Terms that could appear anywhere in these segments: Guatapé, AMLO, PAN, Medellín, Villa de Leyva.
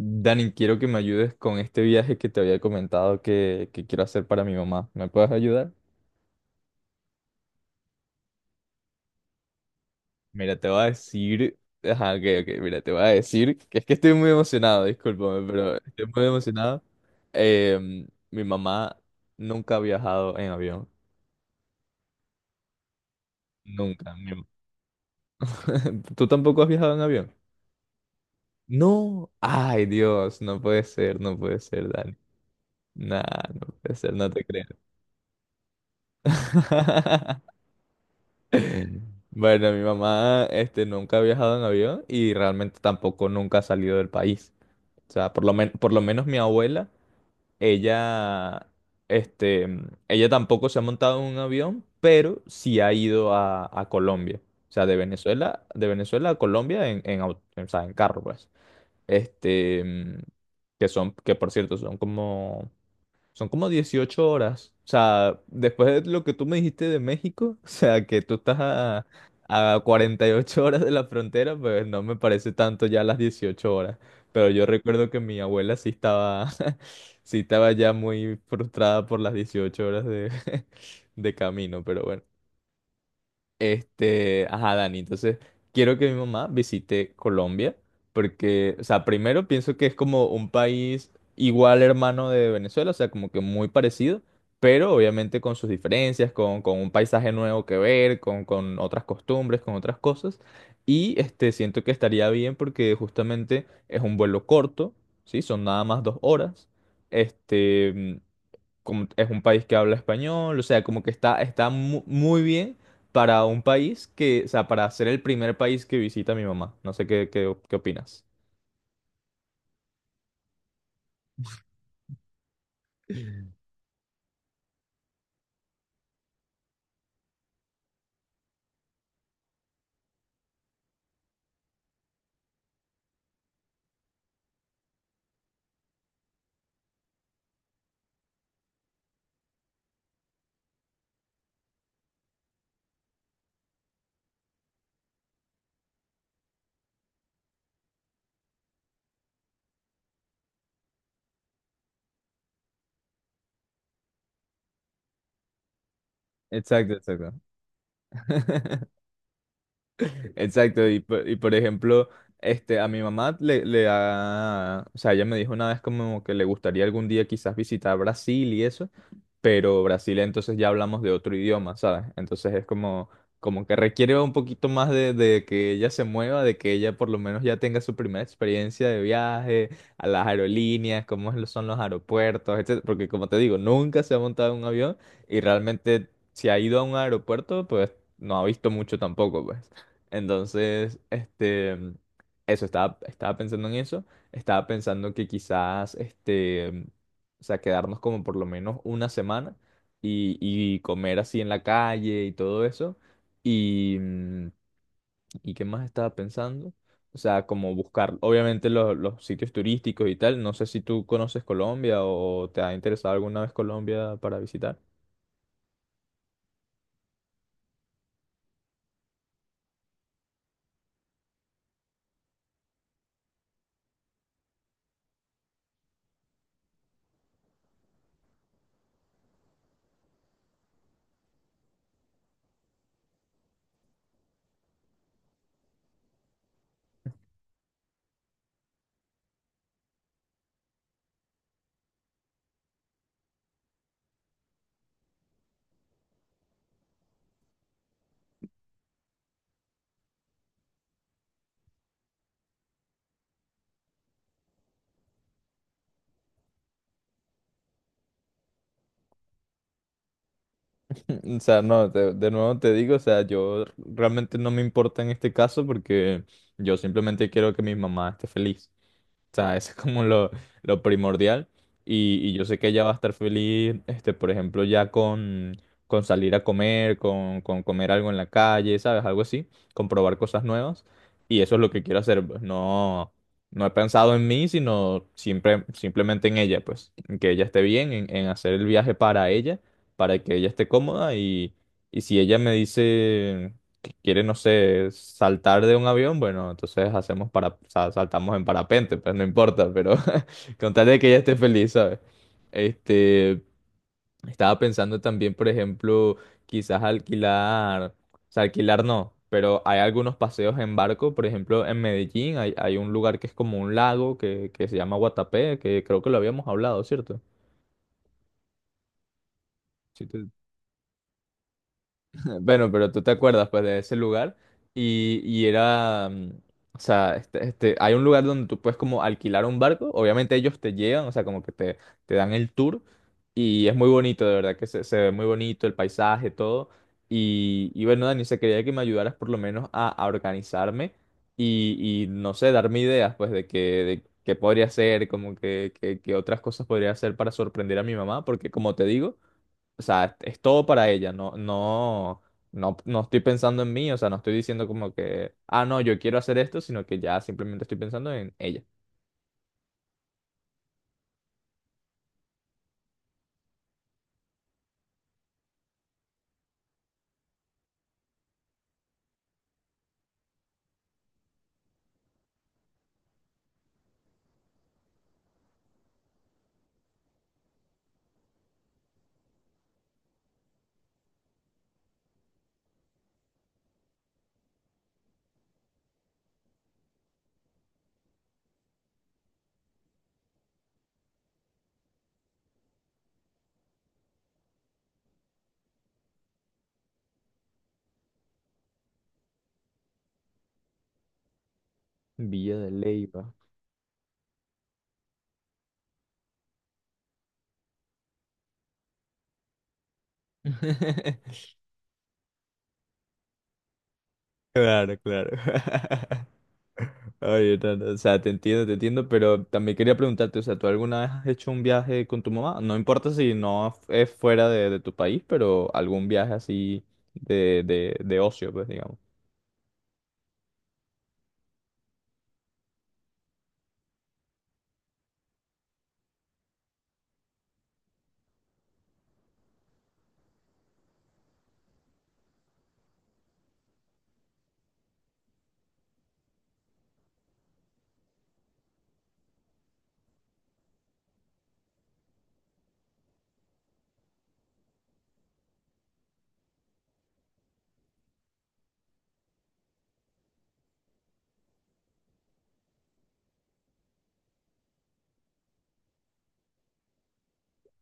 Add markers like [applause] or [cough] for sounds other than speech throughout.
Dani, quiero que me ayudes con este viaje que te había comentado que quiero hacer para mi mamá. ¿Me puedes ayudar? Mira, te voy a decir... Ajá, ok, mira, te voy a decir que es que estoy muy emocionado, discúlpame, pero estoy muy emocionado. Mi mamá nunca ha viajado en avión, nunca. [laughs] ¿Tú tampoco has viajado en avión? No, ay Dios, no puede ser, no puede ser, Dani. Nah, no puede ser, no te creo. [laughs] Bueno, mi mamá, nunca ha viajado en avión y realmente tampoco nunca ha salido del país. O sea, por lo menos mi abuela, ella, este, ella tampoco se ha montado en un avión, pero sí ha ido a Colombia. O sea, de Venezuela a Colombia o sea, en carro, pues. Este, que son, que por cierto, son como 18 horas. O sea, después de lo que tú me dijiste de México, [laughs] o sea, que tú estás a 48 horas de la frontera, pues no me parece tanto ya las 18 horas. Pero yo recuerdo que mi abuela sí estaba, [laughs] sí estaba ya muy frustrada por las 18 horas [laughs] de camino, pero bueno. Ajá, Dani, entonces quiero que mi mamá visite Colombia porque, o sea, primero pienso que es como un país igual hermano de Venezuela, o sea, como que muy parecido, pero obviamente con sus diferencias, con un paisaje nuevo que ver, con otras costumbres, con otras cosas. Siento que estaría bien porque justamente es un vuelo corto, ¿sí? Son nada más 2 horas. Este, como es un país que habla español, o sea, como que está, muy bien para un país que, o sea, para ser el primer país que visita mi mamá. No sé qué opinas. Exacto, exacto. [laughs] Exacto, y por ejemplo, a mi mamá le ha, o sea, ella me dijo una vez como que le gustaría algún día quizás visitar Brasil y eso, pero Brasil entonces ya hablamos de otro idioma, ¿sabes? Entonces es como que requiere un poquito más de que ella se mueva, de que ella por lo menos ya tenga su primera experiencia de viaje, a las aerolíneas, cómo es son los aeropuertos, etcétera. Porque como te digo, nunca se ha montado en un avión y realmente si ha ido a un aeropuerto, pues no ha visto mucho tampoco, pues. Entonces, eso, estaba pensando en eso. Estaba pensando que quizás, o sea, quedarnos como por lo menos una semana y comer así en la calle y todo eso. Y, mm, ¿y qué más estaba pensando? O sea, como buscar, obviamente, los sitios turísticos y tal. No sé si tú conoces Colombia o te ha interesado alguna vez Colombia para visitar. [laughs] O sea, no, de nuevo te digo, o sea, yo realmente no me importa en este caso porque yo simplemente quiero que mi mamá esté feliz. O sea, eso es como lo primordial. Y yo sé que ella va a estar feliz, por ejemplo, ya con salir a comer, con comer algo en la calle, ¿sabes? Algo así, con probar cosas nuevas. Y eso es lo que quiero hacer, pues no, no he pensado en mí, sino siempre, simplemente en ella, pues, en que ella esté bien, en hacer el viaje para ella, para que ella esté cómoda. Y si ella me dice quiere, no sé, saltar de un avión, bueno, entonces o sea, saltamos en parapente, pues no importa, pero [laughs] con tal de que ella esté feliz, ¿sabes? Este, estaba pensando también, por ejemplo, quizás alquilar, o sea, alquilar no, pero hay algunos paseos en barco, por ejemplo, en Medellín hay, hay un lugar que es como un lago que se llama Guatapé, que creo que lo habíamos hablado, ¿cierto? Sí, [laughs] bueno, pero tú te acuerdas pues de ese lugar y era, mm, o sea, hay un lugar donde tú puedes como alquilar un barco, obviamente ellos te llevan, o sea, como que te dan el tour y es muy bonito, de verdad que se ve muy bonito el paisaje, todo. Y bueno, Dani, se quería que me ayudaras por lo menos a organizarme y no sé, darme ideas pues de qué podría hacer, como que otras cosas podría hacer para sorprender a mi mamá, porque como te digo... O sea, es todo para ella, no, no, no, no estoy pensando en mí, o sea, no estoy diciendo como que, ah, no, yo quiero hacer esto, sino que ya simplemente estoy pensando en ella. Villa de Leyva. [laughs] Claro, claro. [laughs] Oye, no, no, o sea, te entiendo, pero también quería preguntarte, o sea, ¿tú alguna vez has hecho un viaje con tu mamá? No importa si no es fuera de tu país, pero algún viaje así de ocio, pues, digamos.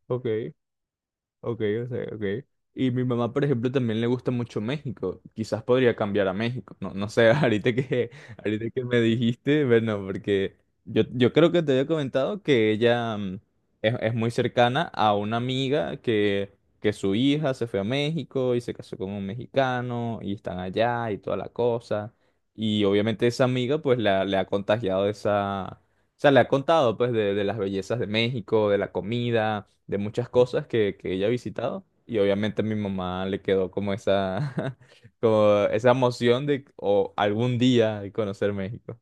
Ok. Ok, o sea, ok. Y mi mamá, por ejemplo, también le gusta mucho México. Quizás podría cambiar a México. No, no sé, [laughs] ahorita ahorita que me dijiste, bueno, porque yo creo que te había comentado que ella es muy cercana a una amiga que su hija se fue a México y se casó con un mexicano y están allá y toda la cosa. Y obviamente esa amiga pues le ha contagiado esa... O sea, le ha contado pues de las bellezas de México, de la comida de muchas cosas que ella ha visitado. Y obviamente a mi mamá le quedó como esa, [laughs] como esa emoción de o algún día conocer México.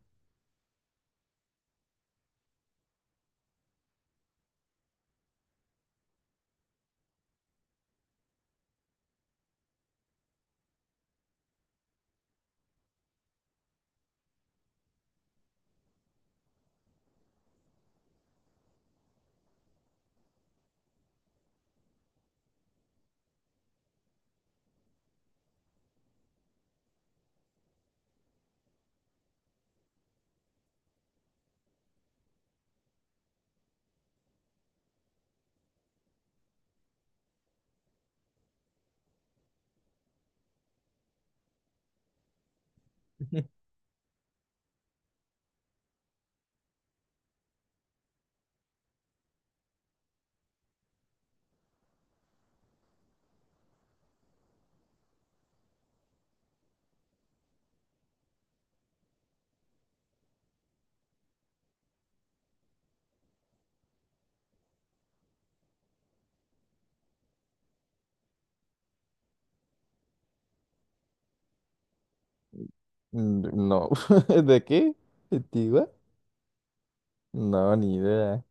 [laughs] Mm, no, [laughs] ¿de qué? ¿Antigua? No, ni idea.